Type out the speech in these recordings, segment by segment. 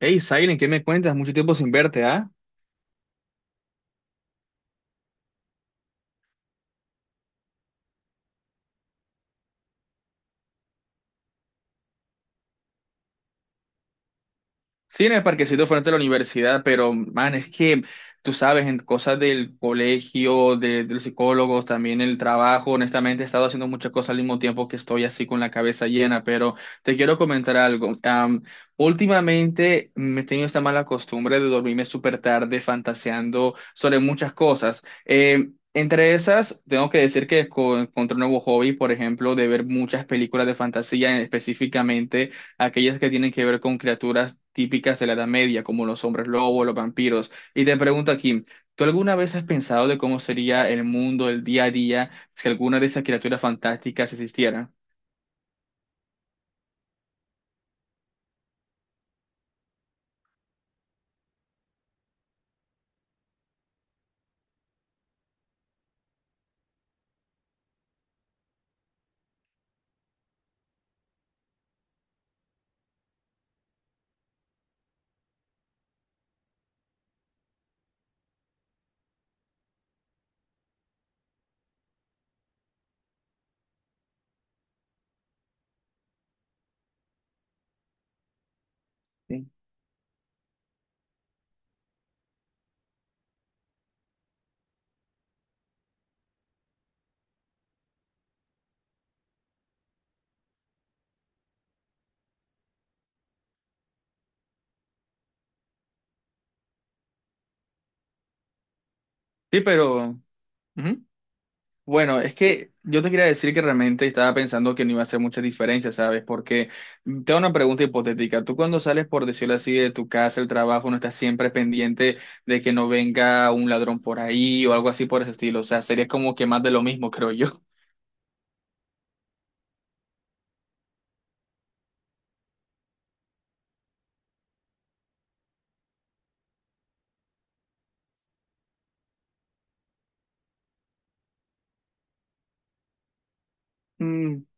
Hey, Silent, ¿qué me cuentas? Mucho tiempo sin verte, ¿ah? Sí, en el parquecito frente a la universidad, pero, man, es que tú sabes, en cosas del colegio, de los psicólogos, también el trabajo, honestamente he estado haciendo muchas cosas al mismo tiempo que estoy así con la cabeza llena, pero te quiero comentar algo. Últimamente me he tenido esta mala costumbre de dormirme súper tarde fantaseando sobre muchas cosas. Entre esas, tengo que decir que encontré un nuevo hobby, por ejemplo, de ver muchas películas de fantasía, específicamente aquellas que tienen que ver con criaturas típicas de la Edad Media, como los hombres lobos, los vampiros. Y te pregunto, Kim, ¿tú alguna vez has pensado de cómo sería el mundo, el día a día, si alguna de esas criaturas fantásticas existiera? Sí, sí, pero... Ujú. Bueno, es que yo te quería decir que realmente estaba pensando que no iba a hacer mucha diferencia, ¿sabes? Porque tengo una pregunta hipotética. Tú cuando sales, por decirlo así, de tu casa, el trabajo, no estás siempre pendiente de que no venga un ladrón por ahí o algo así por ese estilo. O sea, sería como que más de lo mismo, creo yo.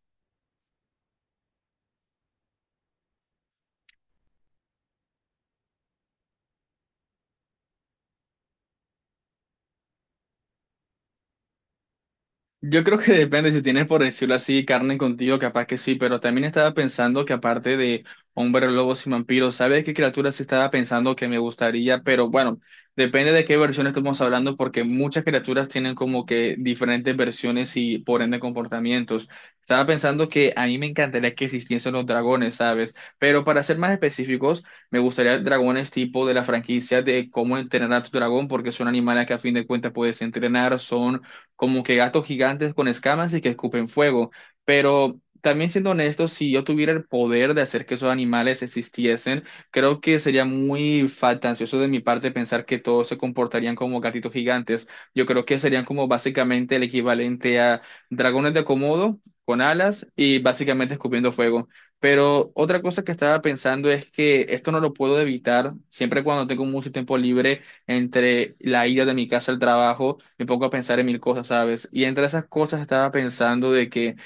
Yo creo que depende, si tienes por decirlo así carne contigo, capaz que sí, pero también estaba pensando que aparte de hombres lobos y vampiros, ¿sabes qué criaturas sí estaba pensando que me gustaría? Pero bueno, depende de qué versión estamos hablando, porque muchas criaturas tienen como que diferentes versiones y por ende comportamientos. Estaba pensando que a mí me encantaría que existiesen los dragones, ¿sabes? Pero para ser más específicos, me gustaría dragones tipo de la franquicia de cómo entrenar a tu dragón, porque son animales que a fin de cuentas puedes entrenar, son como que gatos gigantes con escamas y que escupen fuego. Pero también siendo honesto, si yo tuviera el poder de hacer que esos animales existiesen, creo que sería muy fantasioso de mi parte pensar que todos se comportarían como gatitos gigantes. Yo creo que serían como básicamente el equivalente a dragones de Komodo con alas y básicamente escupiendo fuego. Pero otra cosa que estaba pensando es que esto no lo puedo evitar. Siempre cuando tengo mucho tiempo libre, entre la ida de mi casa al trabajo, me pongo a pensar en mil cosas, ¿sabes? Y entre esas cosas estaba pensando de que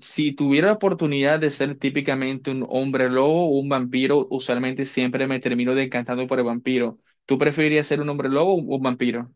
si tuviera la oportunidad de ser típicamente un hombre lobo o un vampiro, usualmente siempre me termino decantando por el vampiro. ¿Tú preferirías ser un hombre lobo o un vampiro?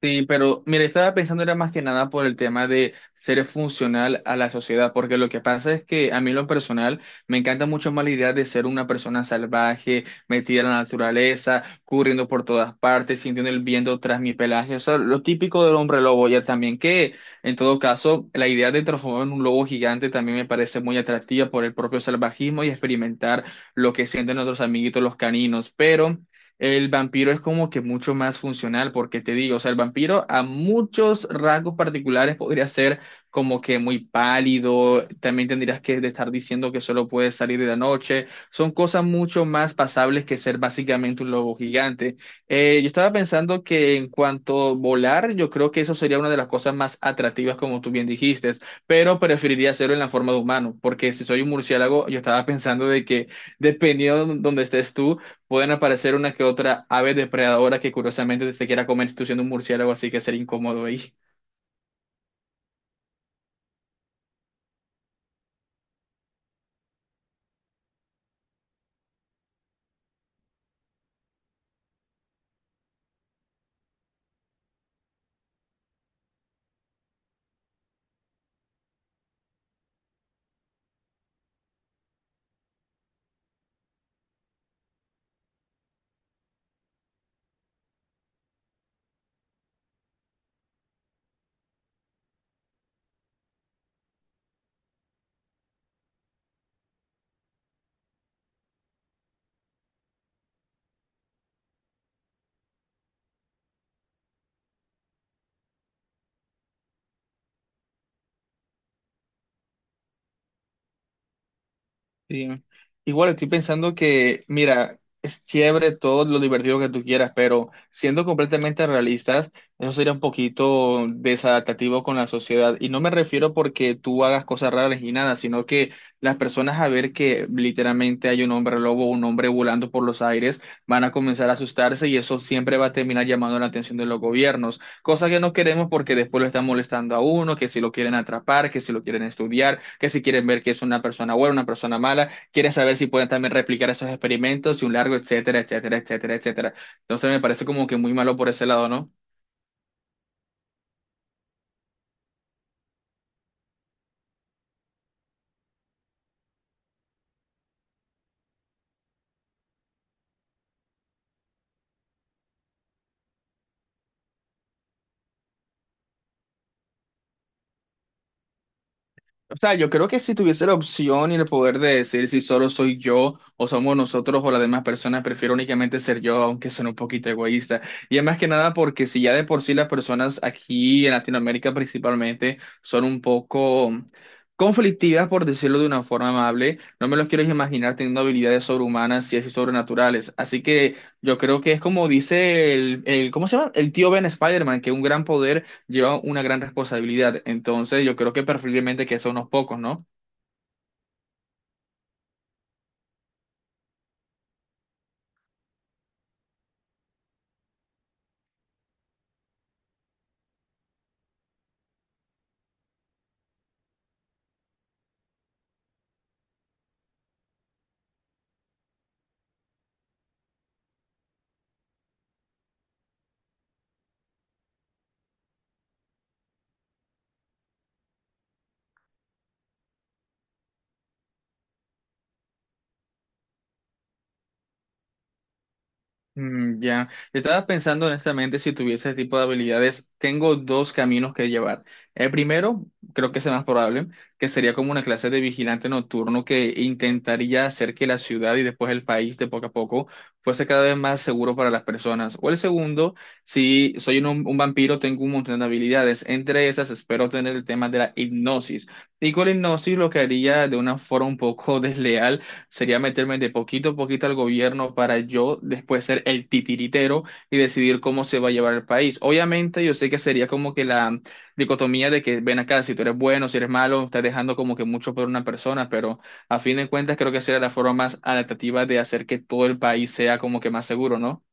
Sí, pero mire, estaba pensando era más que nada por el tema de ser funcional a la sociedad, porque lo que pasa es que a mí en lo personal me encanta mucho más la idea de ser una persona salvaje, metida en la naturaleza, corriendo por todas partes, sintiendo el viento tras mi pelaje, o sea, lo típico del hombre lobo, ya también que en todo caso la idea de transformarme en un lobo gigante también me parece muy atractiva por el propio salvajismo y experimentar lo que sienten nuestros amiguitos los caninos, pero... El vampiro es como que mucho más funcional, porque te digo, o sea, el vampiro a muchos rasgos particulares podría ser como que muy pálido, también tendrías que estar diciendo que solo puedes salir de la noche, son cosas mucho más pasables que ser básicamente un lobo gigante. Yo estaba pensando que en cuanto a volar, yo creo que eso sería una de las cosas más atractivas, como tú bien dijiste, pero preferiría hacerlo en la forma de humano, porque si soy un murciélago, yo estaba pensando de que dependiendo de donde estés tú, pueden aparecer una que otra ave depredadora que curiosamente se quiera comer tú siendo un murciélago, así que sería incómodo ahí. Sí. Igual estoy pensando que, mira, es chévere todo lo divertido que tú quieras, pero siendo completamente realistas, eso sería un poquito desadaptativo con la sociedad. Y no me refiero porque tú hagas cosas raras y nada, sino que las personas a ver que literalmente hay un hombre lobo, un hombre volando por los aires, van a comenzar a asustarse y eso siempre va a terminar llamando la atención de los gobiernos. Cosa que no queremos porque después lo están molestando a uno, que si lo quieren atrapar, que si lo quieren estudiar, que si quieren ver que es una persona buena, una persona mala, quieren saber si pueden también replicar esos experimentos y un largo, etcétera, etcétera, etcétera, etcétera. Entonces me parece como que muy malo por ese lado, ¿no? O sea, yo creo que si tuviese la opción y el poder de decir si solo soy yo o somos nosotros o las demás personas, prefiero únicamente ser yo, aunque suene un poquito egoísta. Y es más que nada porque si ya de por sí las personas aquí en Latinoamérica principalmente son un poco conflictivas, por decirlo de una forma amable, no me los quiero imaginar teniendo habilidades sobrehumanas y así sobrenaturales. Así que yo creo que es como dice el ¿cómo se llama? El tío Ben Spider-Man, que un gran poder lleva una gran responsabilidad. Entonces, yo creo que preferiblemente que sea unos pocos, ¿no? Mm, ya. Yo estaba pensando honestamente si tuviese ese tipo de habilidades, tengo dos caminos que llevar. El primero, creo que es el más probable, que sería como una clase de vigilante nocturno que intentaría hacer que la ciudad y después el país de poco a poco fuese cada vez más seguro para las personas. O el segundo, si soy un vampiro, tengo un montón de habilidades. Entre esas, espero tener el tema de la hipnosis. Y con la hipnosis lo que haría de una forma un poco desleal sería meterme de poquito a poquito al gobierno para yo después ser el titiritero y decidir cómo se va a llevar el país. Obviamente, yo sé que sería como que la dicotomía de que ven acá, si tú eres bueno, si eres malo, estás dejando como que mucho por una persona, pero a fin de cuentas creo que sería la forma más adaptativa de hacer que todo el país sea como que más seguro, ¿no?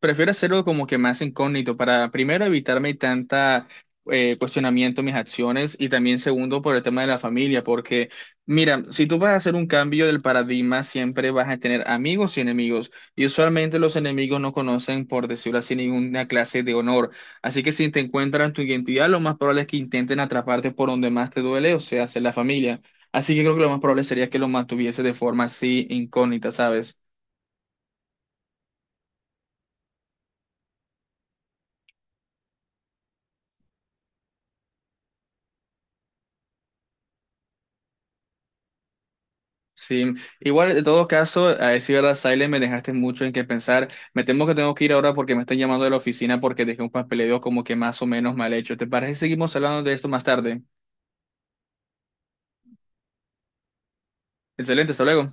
Prefiero hacerlo como que más incógnito para primero evitarme tanta cuestionamiento en mis acciones y también segundo por el tema de la familia, porque mira, si tú vas a hacer un cambio del paradigma, siempre vas a tener amigos y enemigos y usualmente los enemigos no conocen, por decirlo así, ninguna clase de honor. Así que si te encuentran tu identidad, lo más probable es que intenten atraparte por donde más te duele, o sea, hacer la familia. Así que creo que lo más probable sería que lo mantuviese de forma así incógnita, ¿sabes? Sí, igual en todo caso, a decir verdad, Silent, me dejaste mucho en qué pensar. Me temo que tengo que ir ahora porque me están llamando de la oficina porque dejé un papeleo como que más o menos mal hecho. ¿Te parece que seguimos hablando de esto más tarde? Excelente, hasta luego.